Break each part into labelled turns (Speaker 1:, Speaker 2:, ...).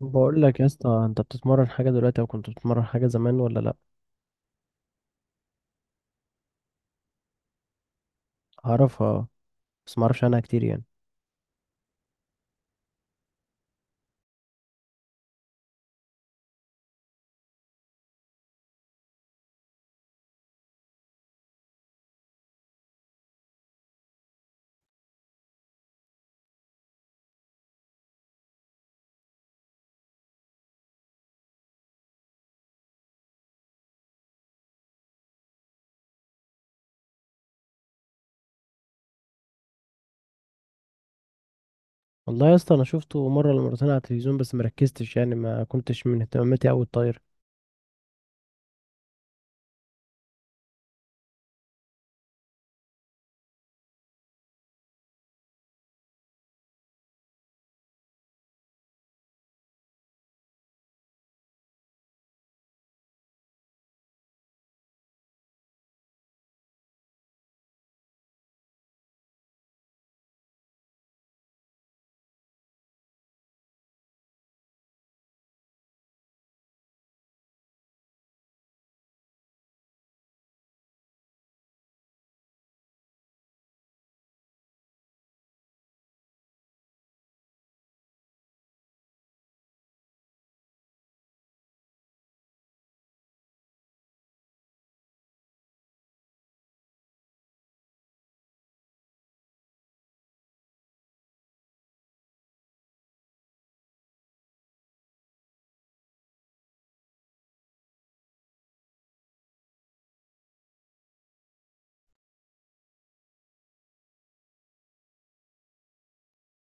Speaker 1: بقول لك يا اسطى، انت بتتمرن حاجه دلوقتي او كنت بتتمرن حاجه زمان ولا لا؟ اعرفها. بس ما اعرفش عنها كتير يعني. والله يا اسطى، انا شفته مره ولا مرتين على التلفزيون بس مركزتش، يعني ما كنتش من اهتماماتي اوي الطايره.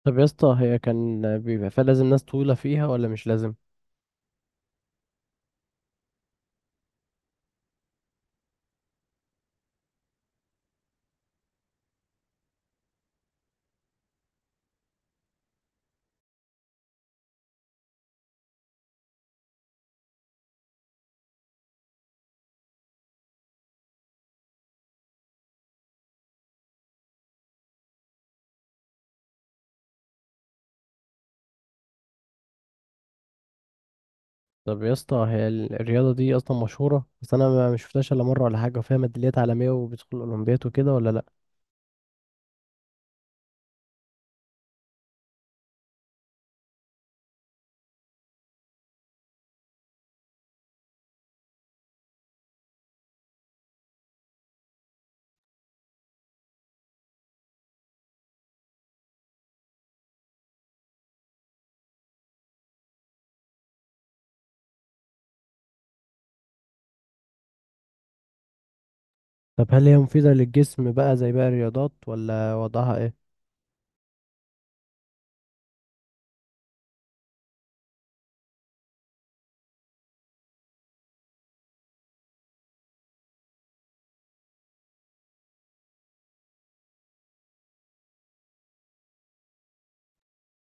Speaker 1: طب يا اسطى، هي كان بيبقى فيها لازم ناس طويله فيها ولا مش لازم؟ طب يا اسطى، هي الرياضه دي اصلا مشهوره؟ بس انا ما شفتهاش الا مره ولا حاجه، وفيها ميداليات عالميه وبتدخل الاولمبياد وكده ولا لا؟ طب هل هي مفيده للجسم بقى زي باقي الرياضات ولا وضعها ايه؟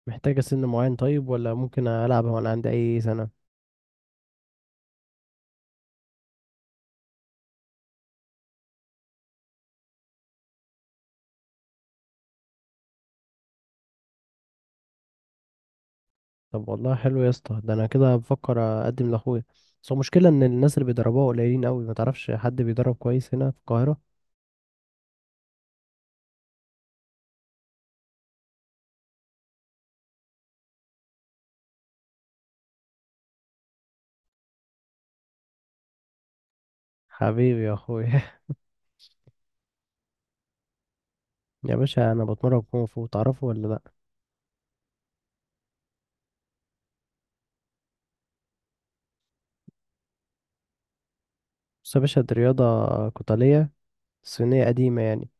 Speaker 1: محتاجه سن معين طيب، ولا ممكن العبها وانا عندي اي سنه؟ طب والله حلو يا اسطى، ده انا كده بفكر اقدم لاخويا. بس هو المشكله ان الناس اللي بيدربوها قليلين قوي، ما تعرفش حد بيدرب كويس هنا في القاهره؟ حبيبي يا اخويا. يا باشا انا بتمرن كونغ فو، تعرفه ولا لا؟ بس يا باشا دي رياضه قتاليه صينيه قديمه يعني.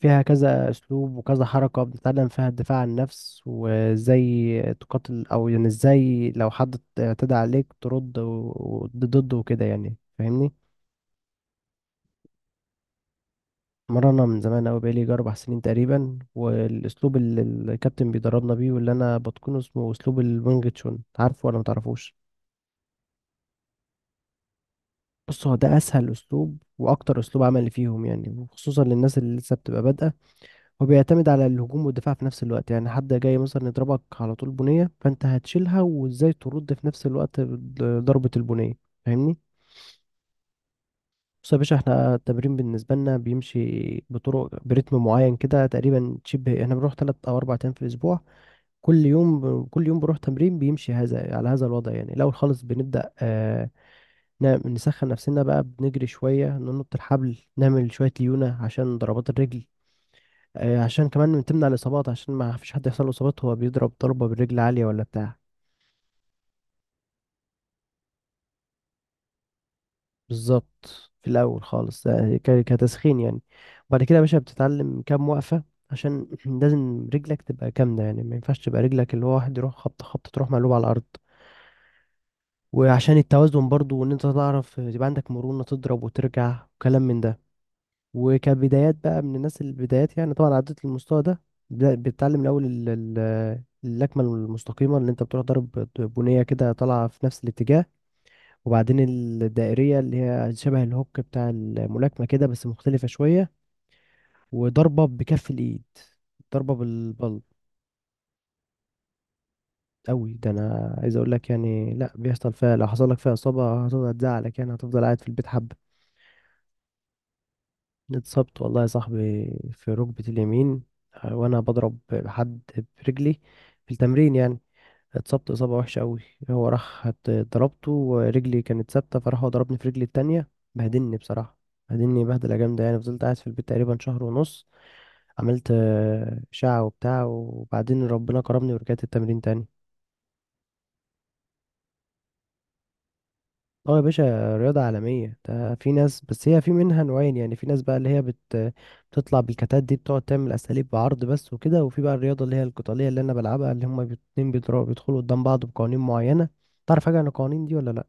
Speaker 1: فيها كذا اسلوب وكذا حركه، بتتعلم فيها الدفاع عن النفس، وازاي تقاتل، او يعني ازاي لو حد اعتدى عليك ترد ضده وكده، يعني فاهمني. مرنا من زمان أوي، بقالي يجي 4 سنين تقريبا. والأسلوب اللي الكابتن بيدربنا بيه واللي أنا بتقنه اسمه أسلوب الوينج تشون، عارفه ولا متعرفوش؟ بص، هو ده أسهل أسلوب وأكتر أسلوب عملي فيهم يعني، وخصوصا للناس اللي لسه بتبقى بادئة. هو بيعتمد على الهجوم والدفاع في نفس الوقت. يعني حد جاي مثلا يضربك على طول بنية، فأنت هتشيلها وإزاي ترد في نفس الوقت ضربة البنية. فاهمني؟ بص يا باشا، احنا التمرين بالنسبة لنا بيمشي بطرق برتم معين كده. تقريبا شبه، احنا بنروح 3 أو 4 أيام في الأسبوع. كل يوم كل يوم بروح تمرين بيمشي هذا على هذا الوضع. يعني الأول خالص بنبدأ نسخن نفسنا بقى، بنجري شوية، ننط الحبل، نعمل شوية ليونة عشان ضربات الرجل. آه، عشان كمان تمنع الإصابات، عشان ما فيش حد يحصل له إصابات وهو بيضرب ضربة بالرجل عالية ولا بتاع. بالظبط، في الأول خالص ده كتسخين يعني. وبعد كده يا باشا بتتعلم كام وقفة، عشان لازم رجلك تبقى كاملة. يعني ما ينفعش تبقى رجلك اللي هو واحد يروح خبطة خبطة تروح مقلوبة على الأرض، وعشان التوازن برضو، وان انت تعرف يبقى عندك مرونة تضرب وترجع وكلام من ده. وكبدايات بقى، من الناس البدايات يعني، طبعا عدت المستوى ده. بتتعلم الاول اللكمة المستقيمة اللي انت بتروح ضرب بنية كده طالعة في نفس الاتجاه. وبعدين الدائرية، اللي هي شبه الهوك بتاع الملاكمة كده بس مختلفة شوية. وضربة بكف الايد، ضربة بالبل. قوي، ده انا عايز اقول لك يعني، لا بيحصل فيها، لو حصل لك فيها اصابة هتفضل هتزعلك يعني، هتفضل قاعد في البيت حبة. اتصبت والله يا صاحبي في ركبة اليمين. وانا بضرب حد برجلي في التمرين يعني. اتصبت اصابة وحشة قوي. هو راح ضربته، ورجلي كانت ثابتة، فراح هو ضربني في رجلي التانية. بهدلني بصراحة. بهدلني بهدلة جامدة يعني، فضلت قاعد في البيت تقريبا شهر ونص. عملت شعة وبتاع، وبعدين ربنا كرمني ورجعت التمرين تاني. اه يا باشا، رياضة عالمية، ده في ناس، بس هي في منها نوعين يعني. في ناس بقى اللي هي بتطلع بالكتات دي، بتقعد تعمل أساليب بعرض بس وكده. وفي بقى الرياضة اللي هي القتالية اللي أنا بلعبها، اللي هما الاتنين بيضربوا بيدخلوا قدام بعض بقوانين معينة. تعرف حاجة عن القوانين دي ولا لأ؟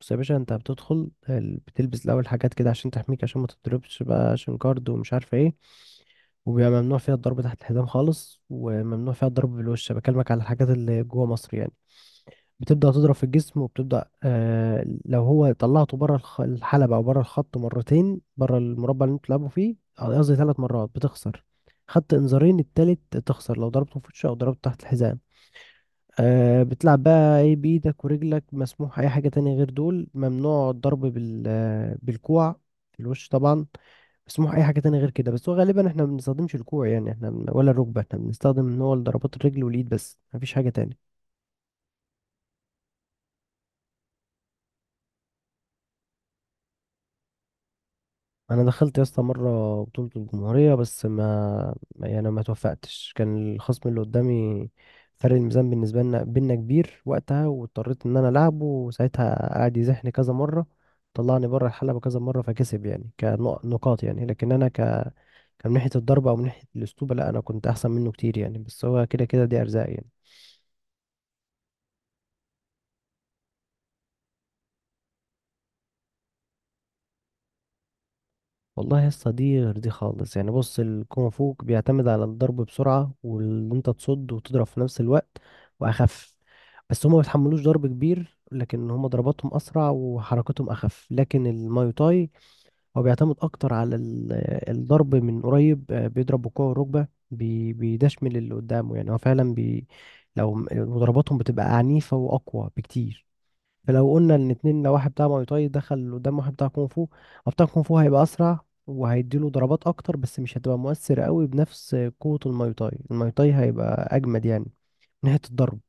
Speaker 1: بس يا باشا، أنت بتدخل بتلبس الأول حاجات كده عشان تحميك، عشان ما تضربش بقى، عشان كارد ومش عارفة ايه. وبيبقى ممنوع فيها الضرب تحت الحزام خالص، وممنوع فيها الضرب بالوش. بكلمك على الحاجات اللي جوه مصر يعني. بتبدأ تضرب في الجسم، وبتبدأ لو هو طلعته بره الحلبة أو بره الخط مرتين، بره المربع اللي انتوا بتلعبوا فيه، قصدي 3 مرات، بتخسر. خدت انذارين، التالت تخسر. لو ضربته في وشه أو ضربته تحت الحزام، بتلعب بقى ايه، بإيدك ورجلك، مسموح أي حاجة تانية غير دول. ممنوع الضرب بالكوع في الوش طبعا. مسموح أي حاجة تانية غير كده، بس هو غالبا احنا ما بنستخدمش الكوع يعني. احنا ولا الركبة، احنا بنستخدم ان هو ضربات الرجل والإيد بس، مفيش حاجة تانية. انا دخلت يا اسطى مره بطوله الجمهوريه، بس يعني ما توفقتش. كان الخصم اللي قدامي، فرق الميزان بالنسبه لنا بينا كبير وقتها، واضطريت ان انا العبه. وساعتها قعد يزحني كذا مره، طلعني بره الحلبه كذا مره، فكسب يعني كنقاط. يعني لكن انا كان من ناحيه الضربه او من ناحيه الاسلوب، لا انا كنت احسن منه كتير يعني. بس هو كده كده دي ارزاق يعني. والله يا اسطى، دي غير دي خالص يعني. بص، الكونغ فو بيعتمد على الضرب بسرعة، وان انت تصد وتضرب في نفس الوقت، واخف. بس هما ما بيتحملوش ضرب كبير. لكن هما ضرباتهم اسرع وحركتهم اخف. لكن الماي تاي هو بيعتمد اكتر على الضرب من قريب، بيضرب بالكوع والركبة، بيدشمل اللي قدامه. يعني هو فعلا لو ضرباتهم بتبقى عنيفة واقوى بكتير. فلو قلنا ان اتنين، لو واحد بتاع ماي تاي دخل قدام واحد بتاع كونغ فو، هو بتاع كونغ فو هيبقى اسرع وهيديله ضربات اكتر، بس مش هتبقى مؤثر قوي بنفس قوة الماي تاي. الماي تاي هيبقى اجمد يعني من ناحية الضرب.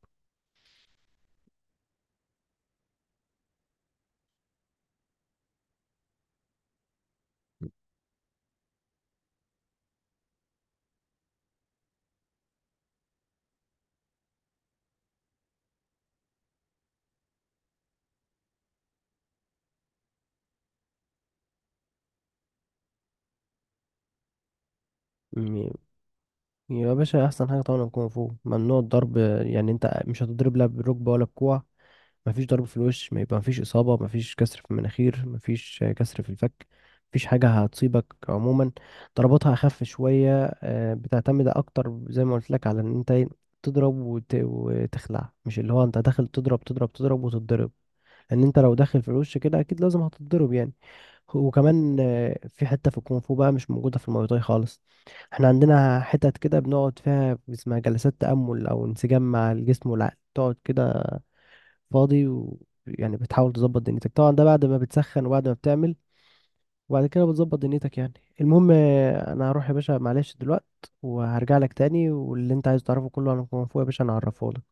Speaker 1: م- يا باشا احسن حاجة طبعا الكونغ فو، ممنوع الضرب. يعني انت مش هتضرب لا بالركبة ولا بكوع، مفيش ضرب في الوش، ما يبقى مفيش إصابة، مفيش كسر في المناخير، مفيش كسر في الفك، مفيش حاجة هتصيبك عموما. ضرباتها أخف شوية، بتعتمد أكتر زي ما قلت لك على إن أنت إيه، تضرب وتخلع. مش اللي هو أنت داخل تضرب تضرب تضرب وتتضرب، لأن أنت لو داخل في الوش كده أكيد لازم هتتضرب يعني. وكمان في حتة في الكونغ فو بقى مش موجودة في المواي تاي خالص. احنا عندنا حتت كده بنقعد فيها، اسمها جلسات تأمل أو انسجام مع الجسم والعقل. تقعد كده فاضي، ويعني بتحاول تظبط دنيتك. طبعا ده بعد ما بتسخن وبعد ما بتعمل، وبعد كده بتظبط دنيتك يعني. المهم انا هروح يا باشا، معلش دلوقت، وهرجع لك تاني، واللي انت عايز تعرفه كله عن كونغ فو يا باشا انا هعرفه لك.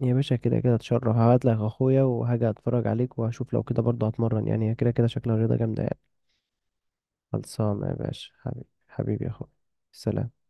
Speaker 1: يا باشا كده كده اتشرف، هبعت لك اخويا وهاجي اتفرج عليك، وهشوف لو كده برضه هتمرن، يعني هي كده كده شكلها رياضة جامدة يعني. خلصانة يا باشا، حبيبي. حبيبي يا اخويا. سلام.